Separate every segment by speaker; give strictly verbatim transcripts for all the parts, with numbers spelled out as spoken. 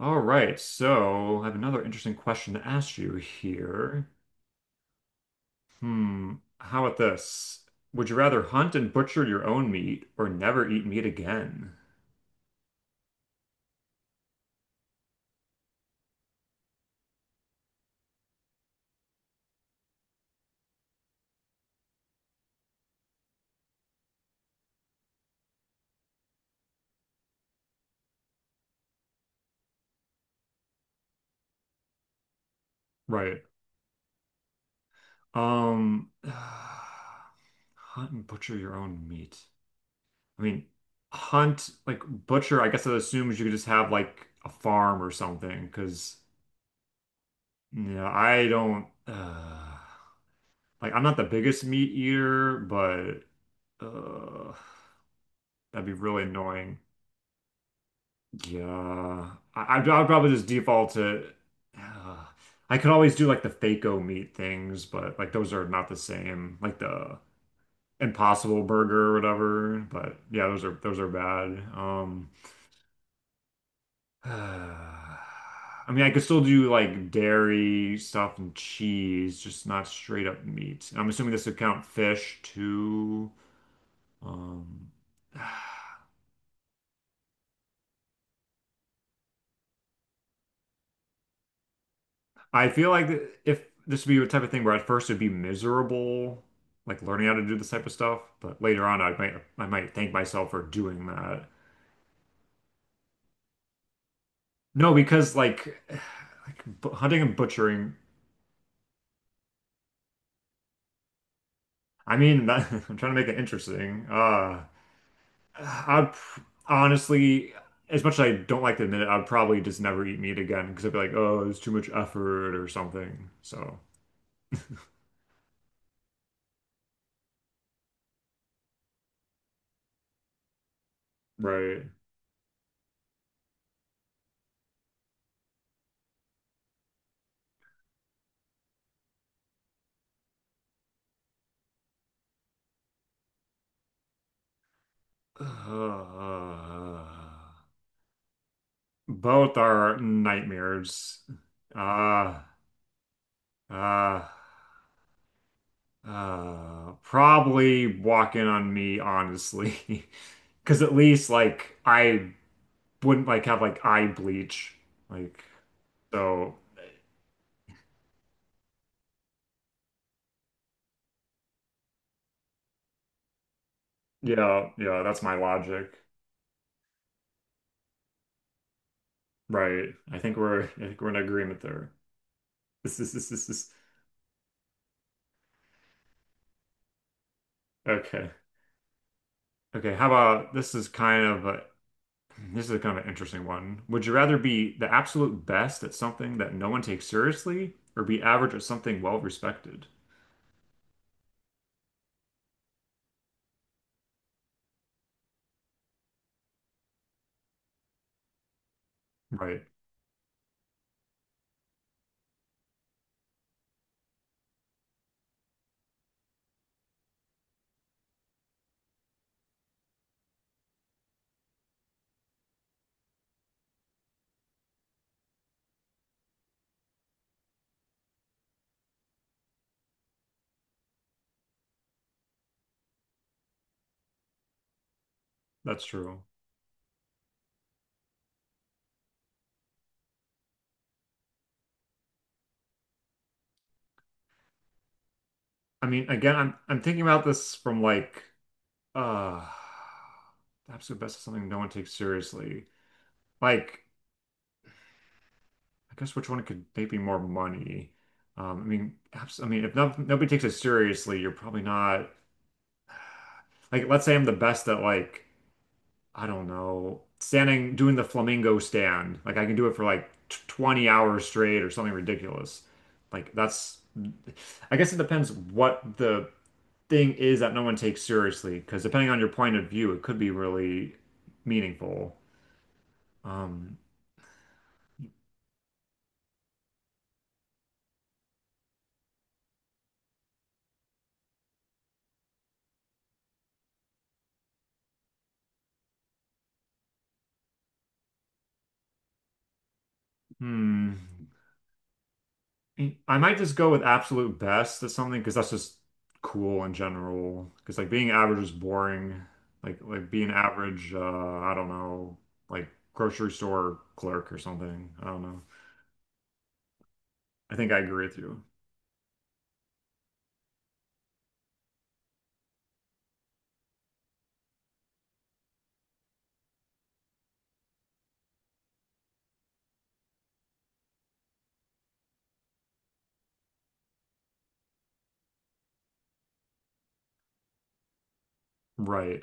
Speaker 1: All right, so I have another interesting question to ask you here. Hmm, how about this? Would you rather hunt and butcher your own meat or never eat meat again? Right. Um, hunt and butcher your own meat. I mean, hunt, like butcher, I guess that assumes you could just have like a farm or something, because, you know, I don't, uh, like, I'm not the biggest meat eater, but, uh, that'd be really annoying. Yeah, I, I'd, I'd probably just default to. Uh, I could always do like the Faco meat things, but like those are not the same. Like the Impossible Burger or whatever. But yeah, those are those are bad. Um, I mean, I could still do like dairy stuff and cheese, just not straight up meat. And I'm assuming this would count fish too. Um, I feel like if this would be a type of thing where at first it'd be miserable, like learning how to do this type of stuff, but later on I might I might thank myself for doing that. No, because like, like bu- hunting and butchering. I mean, that, I'm trying to make it interesting. Uh, I'd pr- honestly, as much as I don't like to admit it, I'd probably just never eat meat again because I'd be like, oh, it's too much effort or something. So, right. Uh, Both are nightmares. Uh, uh, uh, probably walking on me, honestly. Because at least, like, I wouldn't, like, have, like, eye bleach. Like, so, yeah, yeah, that's my logic. Right. I think we're, I think we're in agreement there. This is, this is, this is, okay. Okay. How about this is kind of a This is a kind of an interesting one. Would you rather be the absolute best at something that no one takes seriously, or be average at something well respected? Right. That's true. I mean, again, I'm I'm thinking about this from like uh the absolute best at something no one takes seriously. Like, I guess which one could maybe more money? Um, I mean, abs I mean, if no, nobody takes it seriously, you're probably not like. Let's say I'm the best at like I don't know, standing, doing the flamingo stand. Like I can do it for like t twenty hours straight or something ridiculous. Like that's, I guess it depends what the thing is that no one takes seriously, because depending on your point of view, it could be really meaningful. Um, hmm. Mm, I might just go with absolute best at something because that's just cool in general. Because like being average is boring. Like like being average, uh, I don't know, like grocery store clerk or something. I don't know. I think I agree with you. Right.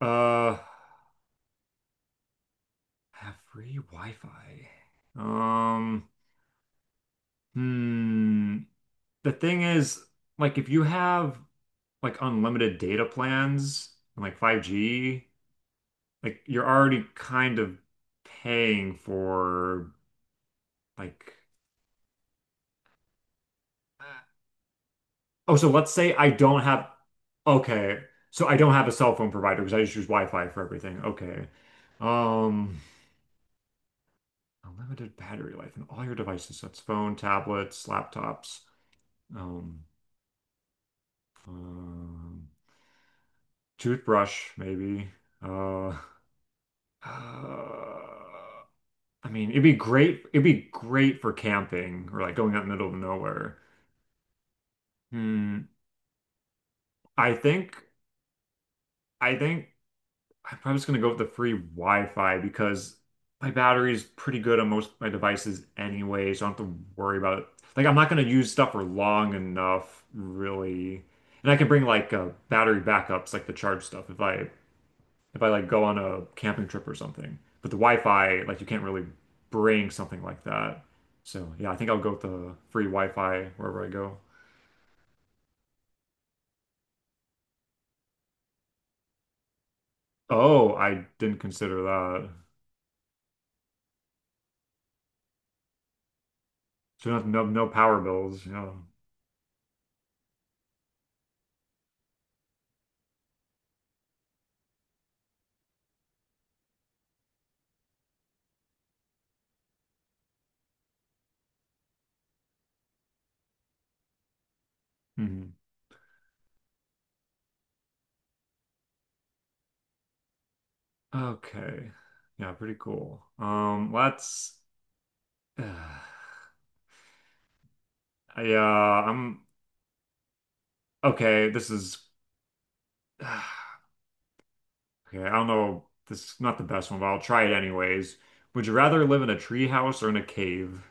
Speaker 1: Uh, have free Wi-Fi. Um, hmm. The thing is, like, if you have like unlimited data plans and like five G. Like you're already kind of paying for like oh so let's say I don't have, okay, so I don't have a cell phone provider because I just use Wi-Fi for everything. Okay. um unlimited battery life in all your devices, that's phone, tablets, laptops, um, um toothbrush maybe. uh, uh, I mean it'd be great it'd be great for camping or like going out in the middle of nowhere. hmm I think I think I'm probably just gonna go with the free Wi-Fi because my battery is pretty good on most of my devices anyway, so I don't have to worry about it. Like I'm not gonna use stuff for long enough, really. And I can bring like uh, battery backups, like the charge stuff, if I if I like go on a camping trip or something. But the Wi-Fi, like you can't really bring something like that. So yeah, I think I'll go with the free Wi-Fi wherever I go. Oh, I didn't consider that. So no, no no power bills. Yeah. Mhm. Okay. Yeah, pretty cool. Um, let's yeah, I'm okay, this is okay, I don't know. This is not the best one, but I'll try it anyways. Would you rather live in a tree house or in a cave?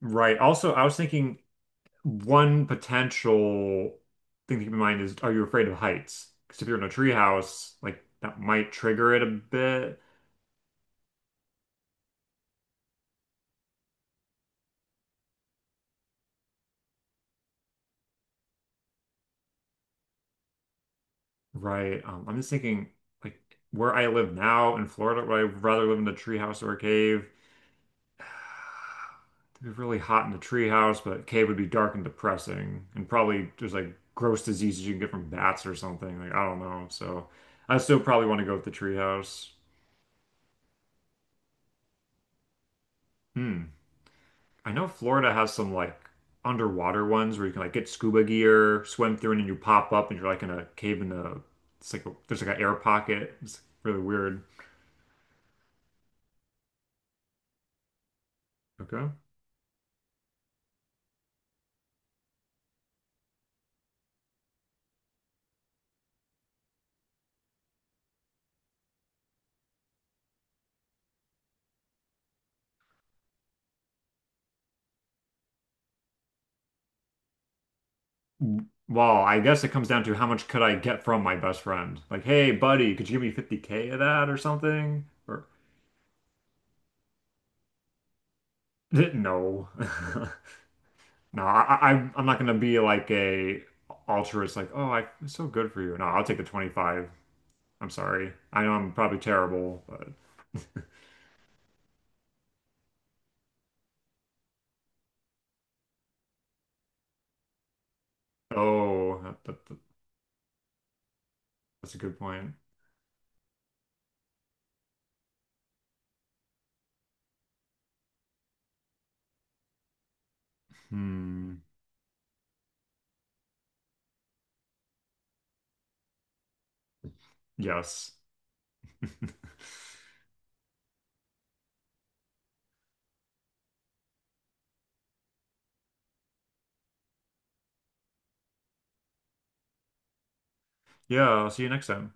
Speaker 1: Right. Also, I was thinking one potential thing to keep in mind is, are you afraid of heights? Because if you're in a tree house, like that might trigger it a bit. Right. Um, I'm just thinking like where I live now in Florida, would I rather live in a tree house or a cave? It'd be really hot in the treehouse, but cave would be dark and depressing, and probably there's like gross diseases you can get from bats or something. Like I don't know. So I still probably want to go with the treehouse. Hmm. I know Florida has some like underwater ones where you can like get scuba gear, swim through, and then you pop up and you're like in a cave in a. It's like a, there's like an air pocket. It's really weird. Okay. Well, I guess it comes down to how much could I get from my best friend? Like, hey, buddy, could you give me fifty K of that or something? Or no. No, I, I, I'm I'm not gonna be like a altruist, like, oh, I, it's so good for you. No, I'll take the twenty-five. I'm sorry. I know I'm probably terrible, but oh, that, that, that- that's a good point. Hmm. Yes. Yeah, I'll see you next time.